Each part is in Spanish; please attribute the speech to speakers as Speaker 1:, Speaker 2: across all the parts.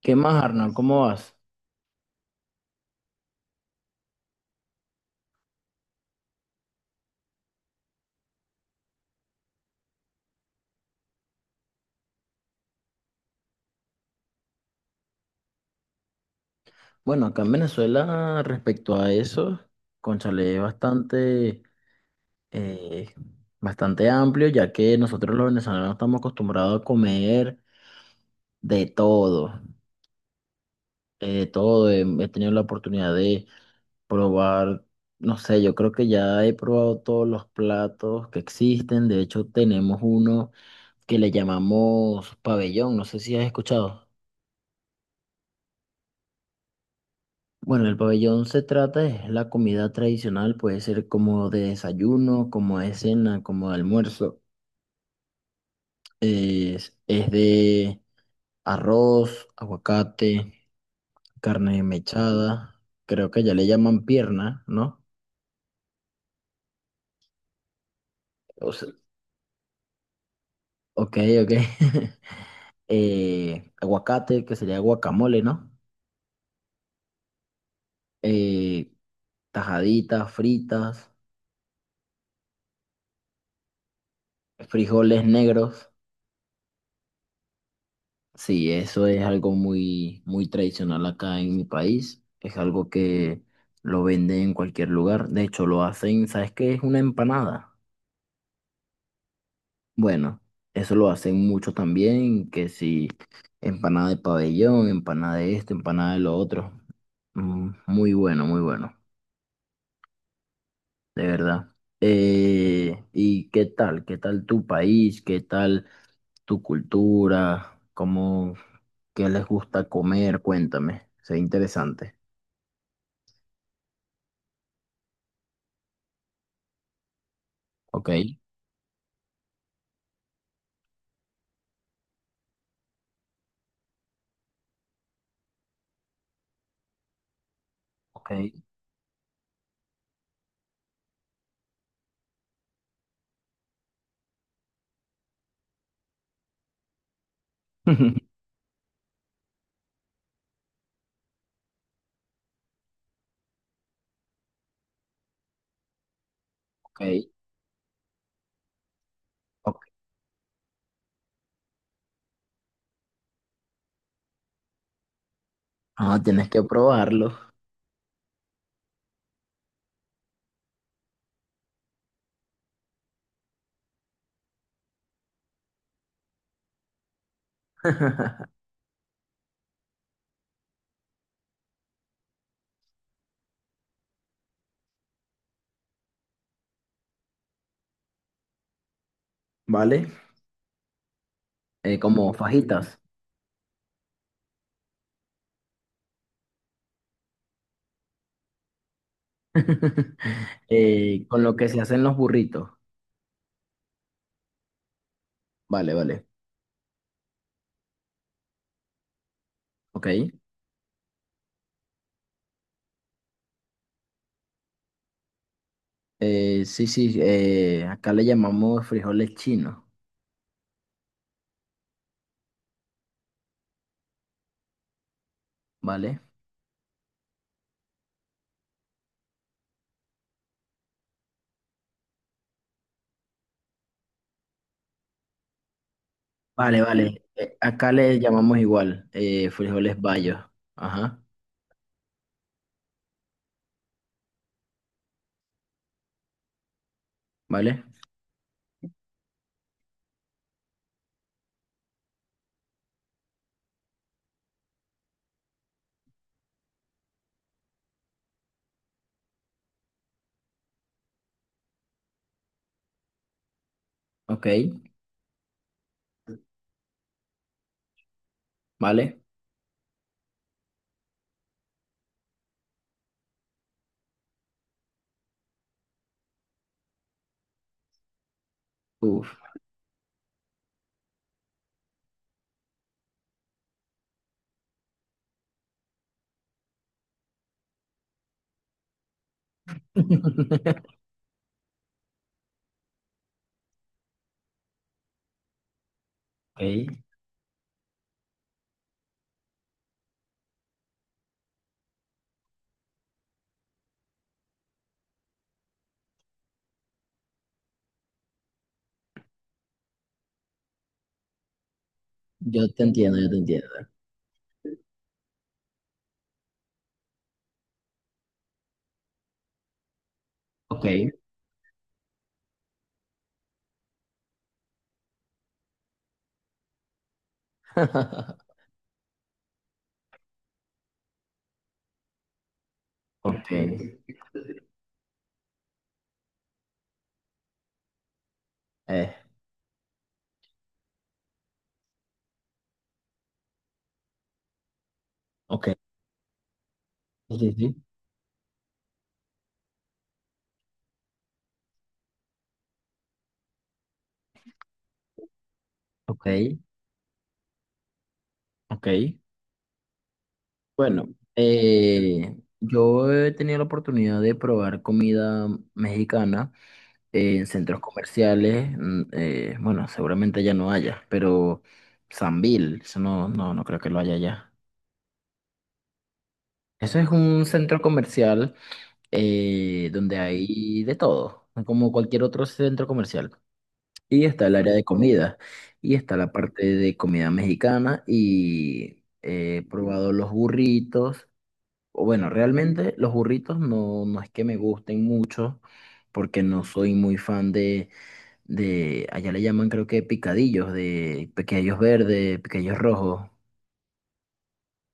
Speaker 1: ¿Qué más, Arnold? ¿Cómo vas? Bueno, acá en Venezuela, respecto a eso, cónchale, es bastante, eh, bastante amplio, ya que nosotros los venezolanos estamos acostumbrados a comer de todo, de todo. He tenido la oportunidad de probar, no sé, yo creo que ya he probado todos los platos que existen. De hecho, tenemos uno que le llamamos pabellón, no sé si has escuchado. Bueno, el pabellón se trata de la comida tradicional, puede ser como de desayuno, como de cena, como de almuerzo. Es de arroz, aguacate, carne mechada, creo que ya le llaman pierna, ¿no? O sea, ok, ok. Aguacate, que sería guacamole, ¿no? Eh, tajaditas, fritas, frijoles negros. Sí, eso es algo muy, muy tradicional acá en mi país. Es algo que lo venden en cualquier lugar. De hecho, lo hacen, ¿sabes qué? Es una empanada. Bueno, eso lo hacen mucho también, que si empanada de pabellón, empanada de esto, empanada de lo otro. Mm, muy bueno, muy bueno, de verdad. ¿Y qué tal? ¿Qué tal tu país? ¿Qué tal tu cultura? ¿Cómo, qué les gusta comer? Cuéntame, sea interesante. Ok, ok, ok, ok. Ah, tienes que probarlo, ¿vale? Como fajitas. Con lo que se hacen los burritos. Vale, vale, ok. Sí, sí, acá le llamamos frijoles chinos, ¿vale? Vale, vale. Eh, acá le llamamos igual, frijoles bayos. Ajá, ¿vale? Ok, ¿vale? Uf. Ok, yo te entiendo, yo te entiendo. Ok. Ok, eh, ok, sí, sí. Ok, ok. Bueno, yo he tenido la oportunidad de probar comida mexicana en centros comerciales. Mm, bueno, seguramente ya no haya, pero Sambil, eso no, no, no creo que lo haya ya. Eso es un centro comercial, donde hay de todo, como cualquier otro centro comercial. Y está el área de comida, y está la parte de comida mexicana, y he probado los burritos. O bueno, realmente los burritos no, no es que me gusten mucho, porque no soy muy fan de, allá le llaman creo que picadillos, de pequeños verdes, pequeños rojos.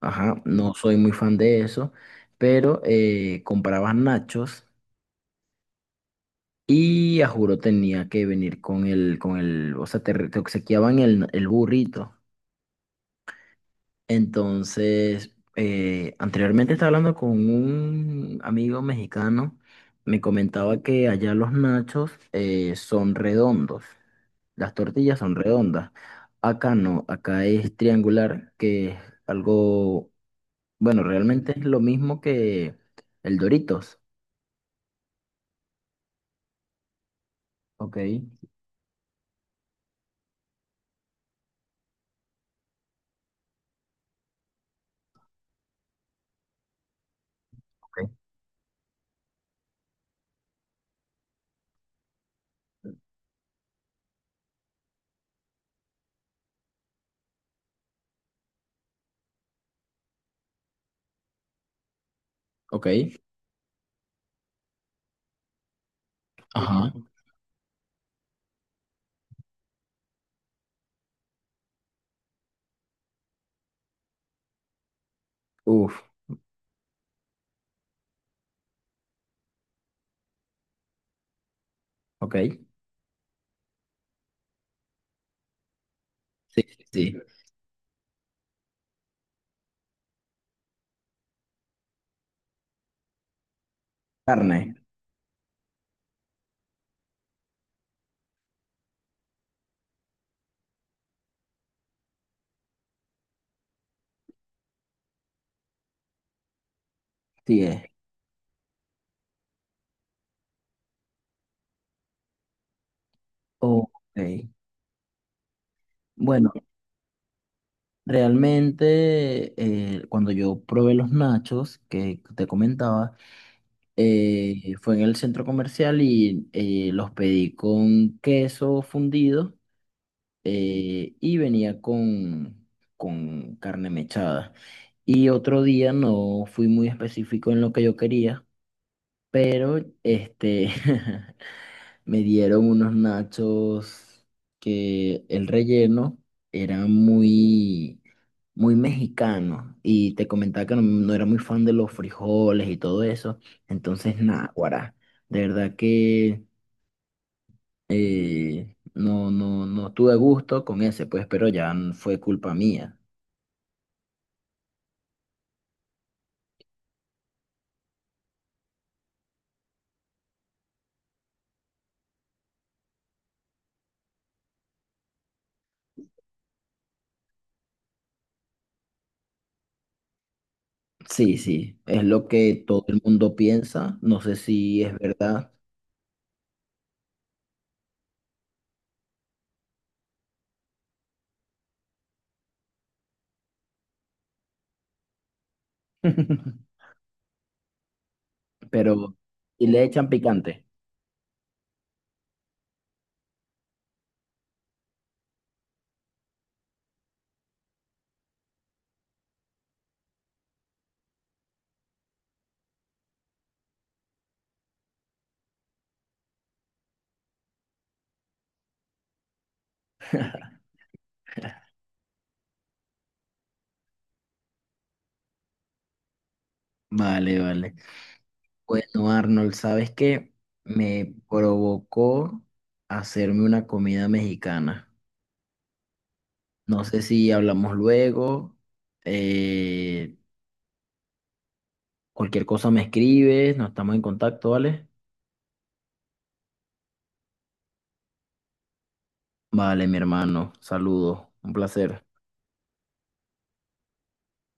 Speaker 1: Ajá, no soy muy fan de eso, pero comprabas nachos y a juro tenía que venir con el, o sea, te obsequiaban el burrito. Entonces, anteriormente estaba hablando con un amigo mexicano, me comentaba que allá los nachos son redondos, las tortillas son redondas. Acá no, acá es triangular, que es algo, bueno, realmente es lo mismo que el Doritos. Ok, ok, ok. Ajá. Uf, ok. Sí, sí. Sí. Carne, sí es. Ok. Bueno. Realmente, cuando yo probé los nachos que te comentaba, fue en el centro comercial y los pedí con queso fundido, y venía con carne mechada. Y otro día no fui muy específico en lo que yo quería, pero este, me dieron unos nachos que el relleno era muy, muy mexicano. Y te comentaba que no, no era muy fan de los frijoles y todo eso. Entonces, nada, guará. De verdad que no, no, no tuve gusto con ese, pues, pero fue culpa mía. Sí, sí, es lo que todo el mundo piensa. No sé si es verdad, pero y le echan picante. Vale, vale. Bueno, Arnold, ¿sabes qué? Me provocó hacerme una comida mexicana. No sé si hablamos luego. Eh, cualquier cosa me escribes, nos estamos en contacto, ¿vale? Vale, mi hermano, saludos, un placer.